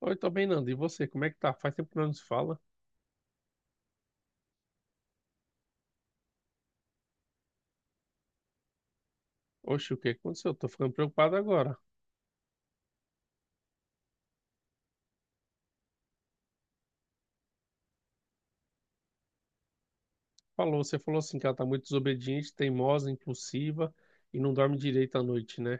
Oi, tô bem, Nando. E você, como é que tá? Faz tempo que não nos fala. Oxe, o que aconteceu? Tô ficando preocupado agora. Falou, você falou assim que ela tá muito desobediente, teimosa, impulsiva e não dorme direito à noite, né?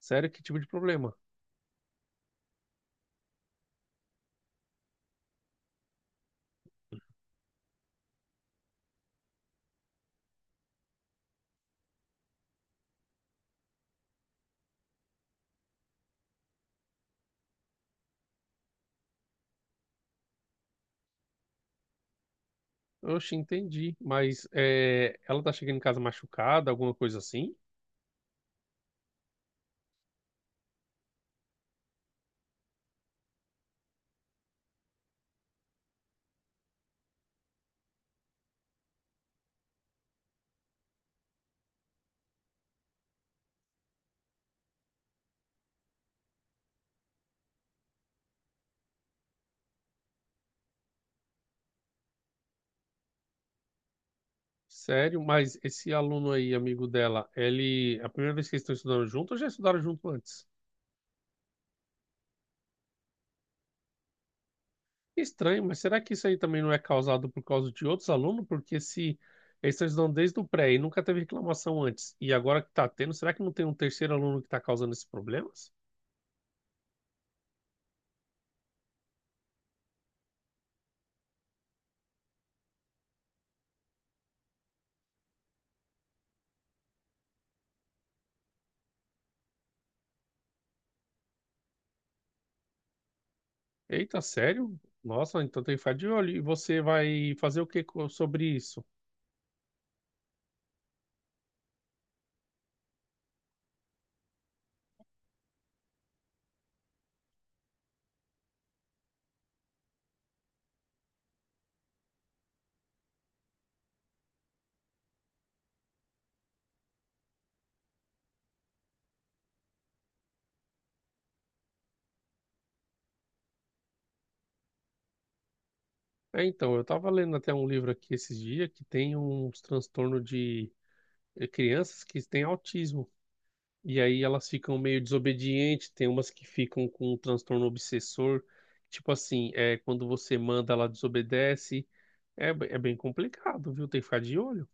Sério, que tipo de problema? Oxe, entendi. Mas é, ela tá chegando em casa machucada, alguma coisa assim? Sério, mas esse aluno aí, amigo dela, ele... É a primeira vez que eles estão estudando junto ou já estudaram junto antes? Estranho, mas será que isso aí também não é causado por causa de outros alunos? Porque se eles estão estudando desde o pré e nunca teve reclamação antes, e agora que está tendo, será que não tem um terceiro aluno que está causando esses problemas? Eita, sério? Nossa, então tem que ficar de olho. E você vai fazer sobre isso? É, então, eu estava lendo até um livro aqui esses dias que tem uns transtorno de crianças que têm autismo. E aí elas ficam meio desobedientes, tem umas que ficam com um transtorno obsessor. Tipo assim, é, quando você manda, ela desobedece. É, é bem complicado, viu? Tem que ficar de olho.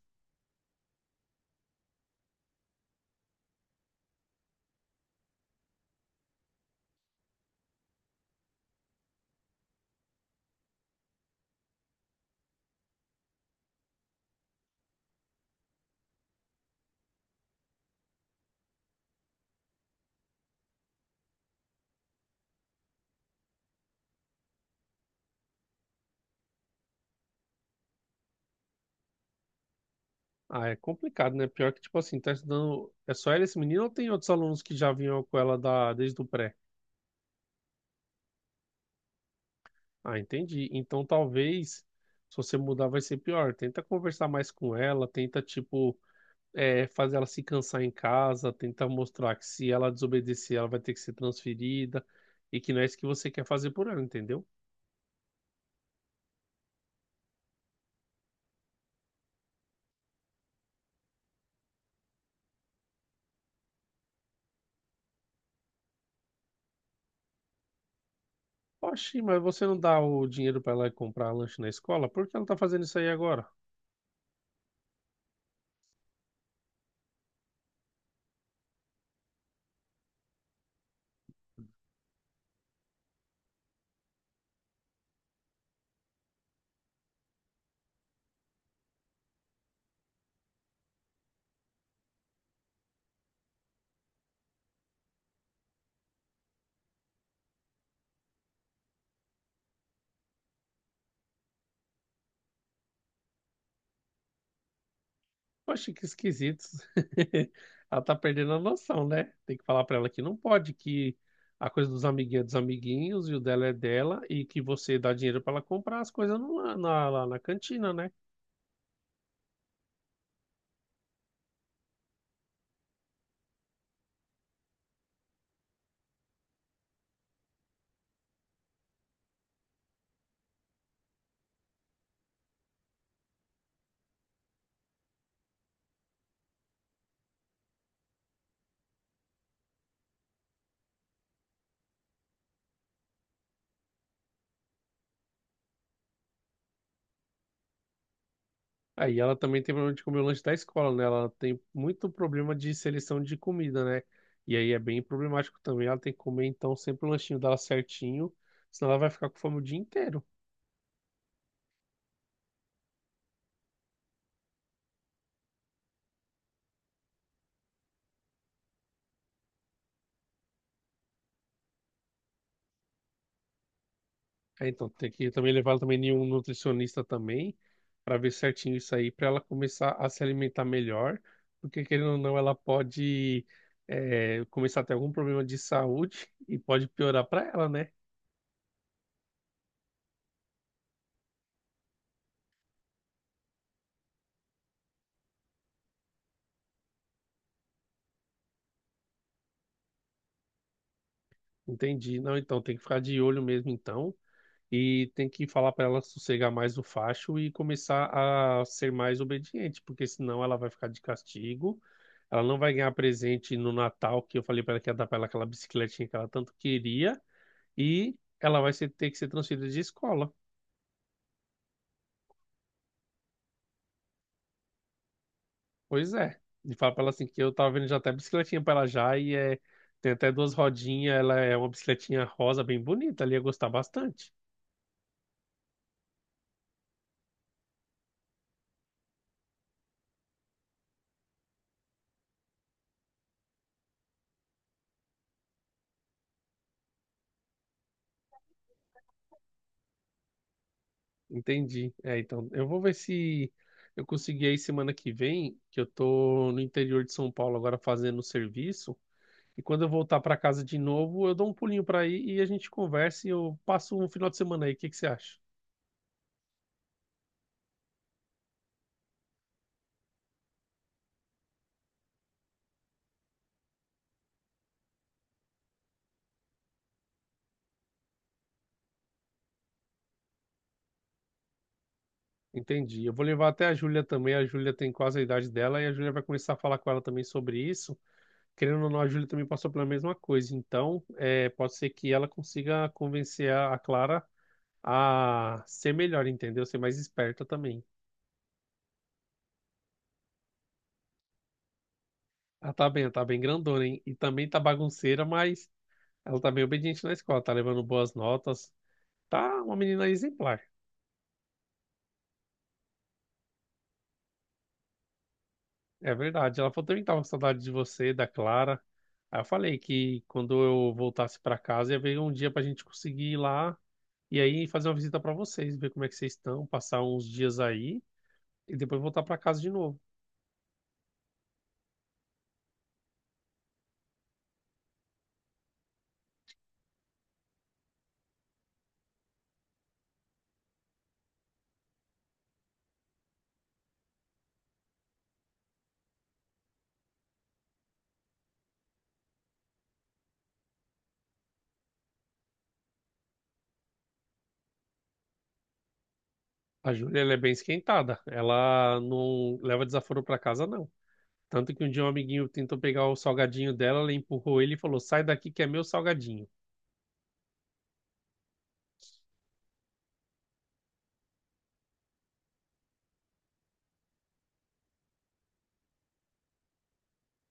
Ah, é complicado, né? Pior que, tipo assim, tá estudando. É só ela esse menino ou tem outros alunos que já vinham com ela desde o pré? Ah, entendi. Então talvez, se você mudar, vai ser pior. Tenta conversar mais com ela, tenta, tipo. É, fazer ela se cansar em casa, tentar mostrar que se ela desobedecer, ela vai ter que ser transferida e que não é isso que você quer fazer por ela, entendeu? Oxi, mas você não dá o dinheiro pra ela ir comprar lanche na escola? Por que ela tá fazendo isso aí agora? Poxa, que esquisito. Ela tá perdendo a noção, né? Tem que falar pra ela que não pode, que a coisa dos amiguinhos é dos amiguinhos e o dela é dela e que você dá dinheiro pra ela comprar as coisas lá na cantina, né? Aí ela também tem problema de comer o lanche da escola, né? Ela tem muito problema de seleção de comida, né? E aí é bem problemático também. Ela tem que comer, então, sempre o lanchinho dela certinho, senão ela vai ficar com fome o dia inteiro. É, então, tem que também levar ela também em um nutricionista também, para ver certinho isso aí, para ela começar a se alimentar melhor, porque querendo ou não, ela pode começar a ter algum problema de saúde e pode piorar para ela, né? Entendi. Não, então tem que ficar de olho mesmo, então, e tem que falar para ela sossegar mais o facho e começar a ser mais obediente, porque senão ela vai ficar de castigo. Ela não vai ganhar presente no Natal, que eu falei para ela que ia dar para ela aquela bicicletinha que ela tanto queria. E ela ter que ser transferida de escola. Pois é. E fala pra ela assim que eu tava vendo já até bicicletinha pra ela já e é, tem até duas rodinhas, ela é uma bicicletinha rosa bem bonita, ela ia gostar bastante. Entendi. É, então, eu vou ver se eu consegui aí semana que vem, que eu tô no interior de São Paulo agora fazendo serviço. E quando eu voltar para casa de novo, eu dou um pulinho para aí e a gente conversa e eu passo um final de semana aí. O que que você acha? Entendi. Eu vou levar até a Júlia também. A Júlia tem quase a idade dela e a Júlia vai começar a falar com ela também sobre isso. Querendo ou não, a Júlia também passou pela mesma coisa. Então, é, pode ser que ela consiga convencer a Clara a ser melhor, entendeu? Ser mais esperta também. Ela tá bem grandona, hein? E também tá bagunceira, mas ela tá bem obediente na escola, tá levando boas notas. Tá uma menina exemplar. É verdade. Ela falou também que tava com saudade de você, da Clara. Aí eu falei que quando eu voltasse pra casa ia ver um dia pra gente conseguir ir lá e aí fazer uma visita pra vocês, ver como é que vocês estão, passar uns dias aí e depois voltar pra casa de novo. A Júlia, ela é bem esquentada. Ela não leva desaforo pra casa, não. Tanto que um dia um amiguinho tentou pegar o salgadinho dela, ela empurrou ele e falou: Sai daqui que é meu salgadinho.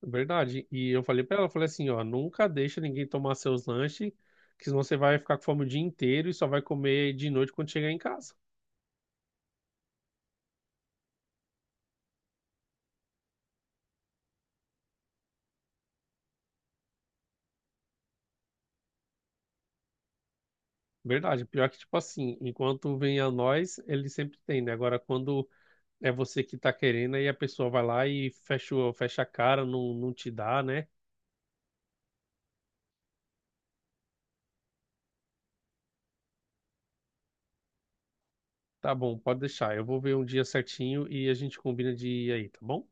Verdade. E eu falei pra ela, eu falei assim, ó, nunca deixa ninguém tomar seus lanches, que senão você vai ficar com fome o dia inteiro e só vai comer de noite quando chegar em casa. Verdade. Pior que, tipo assim, enquanto vem a nós, ele sempre tem, né? Agora, quando é você que tá querendo, aí a pessoa vai lá e fecha, fecha a cara, não, não te dá, né? Tá bom, pode deixar. Eu vou ver um dia certinho e a gente combina de ir aí, tá bom?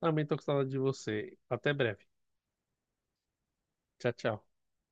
Também tô com saudade de você. Até breve. Tchau, tchau.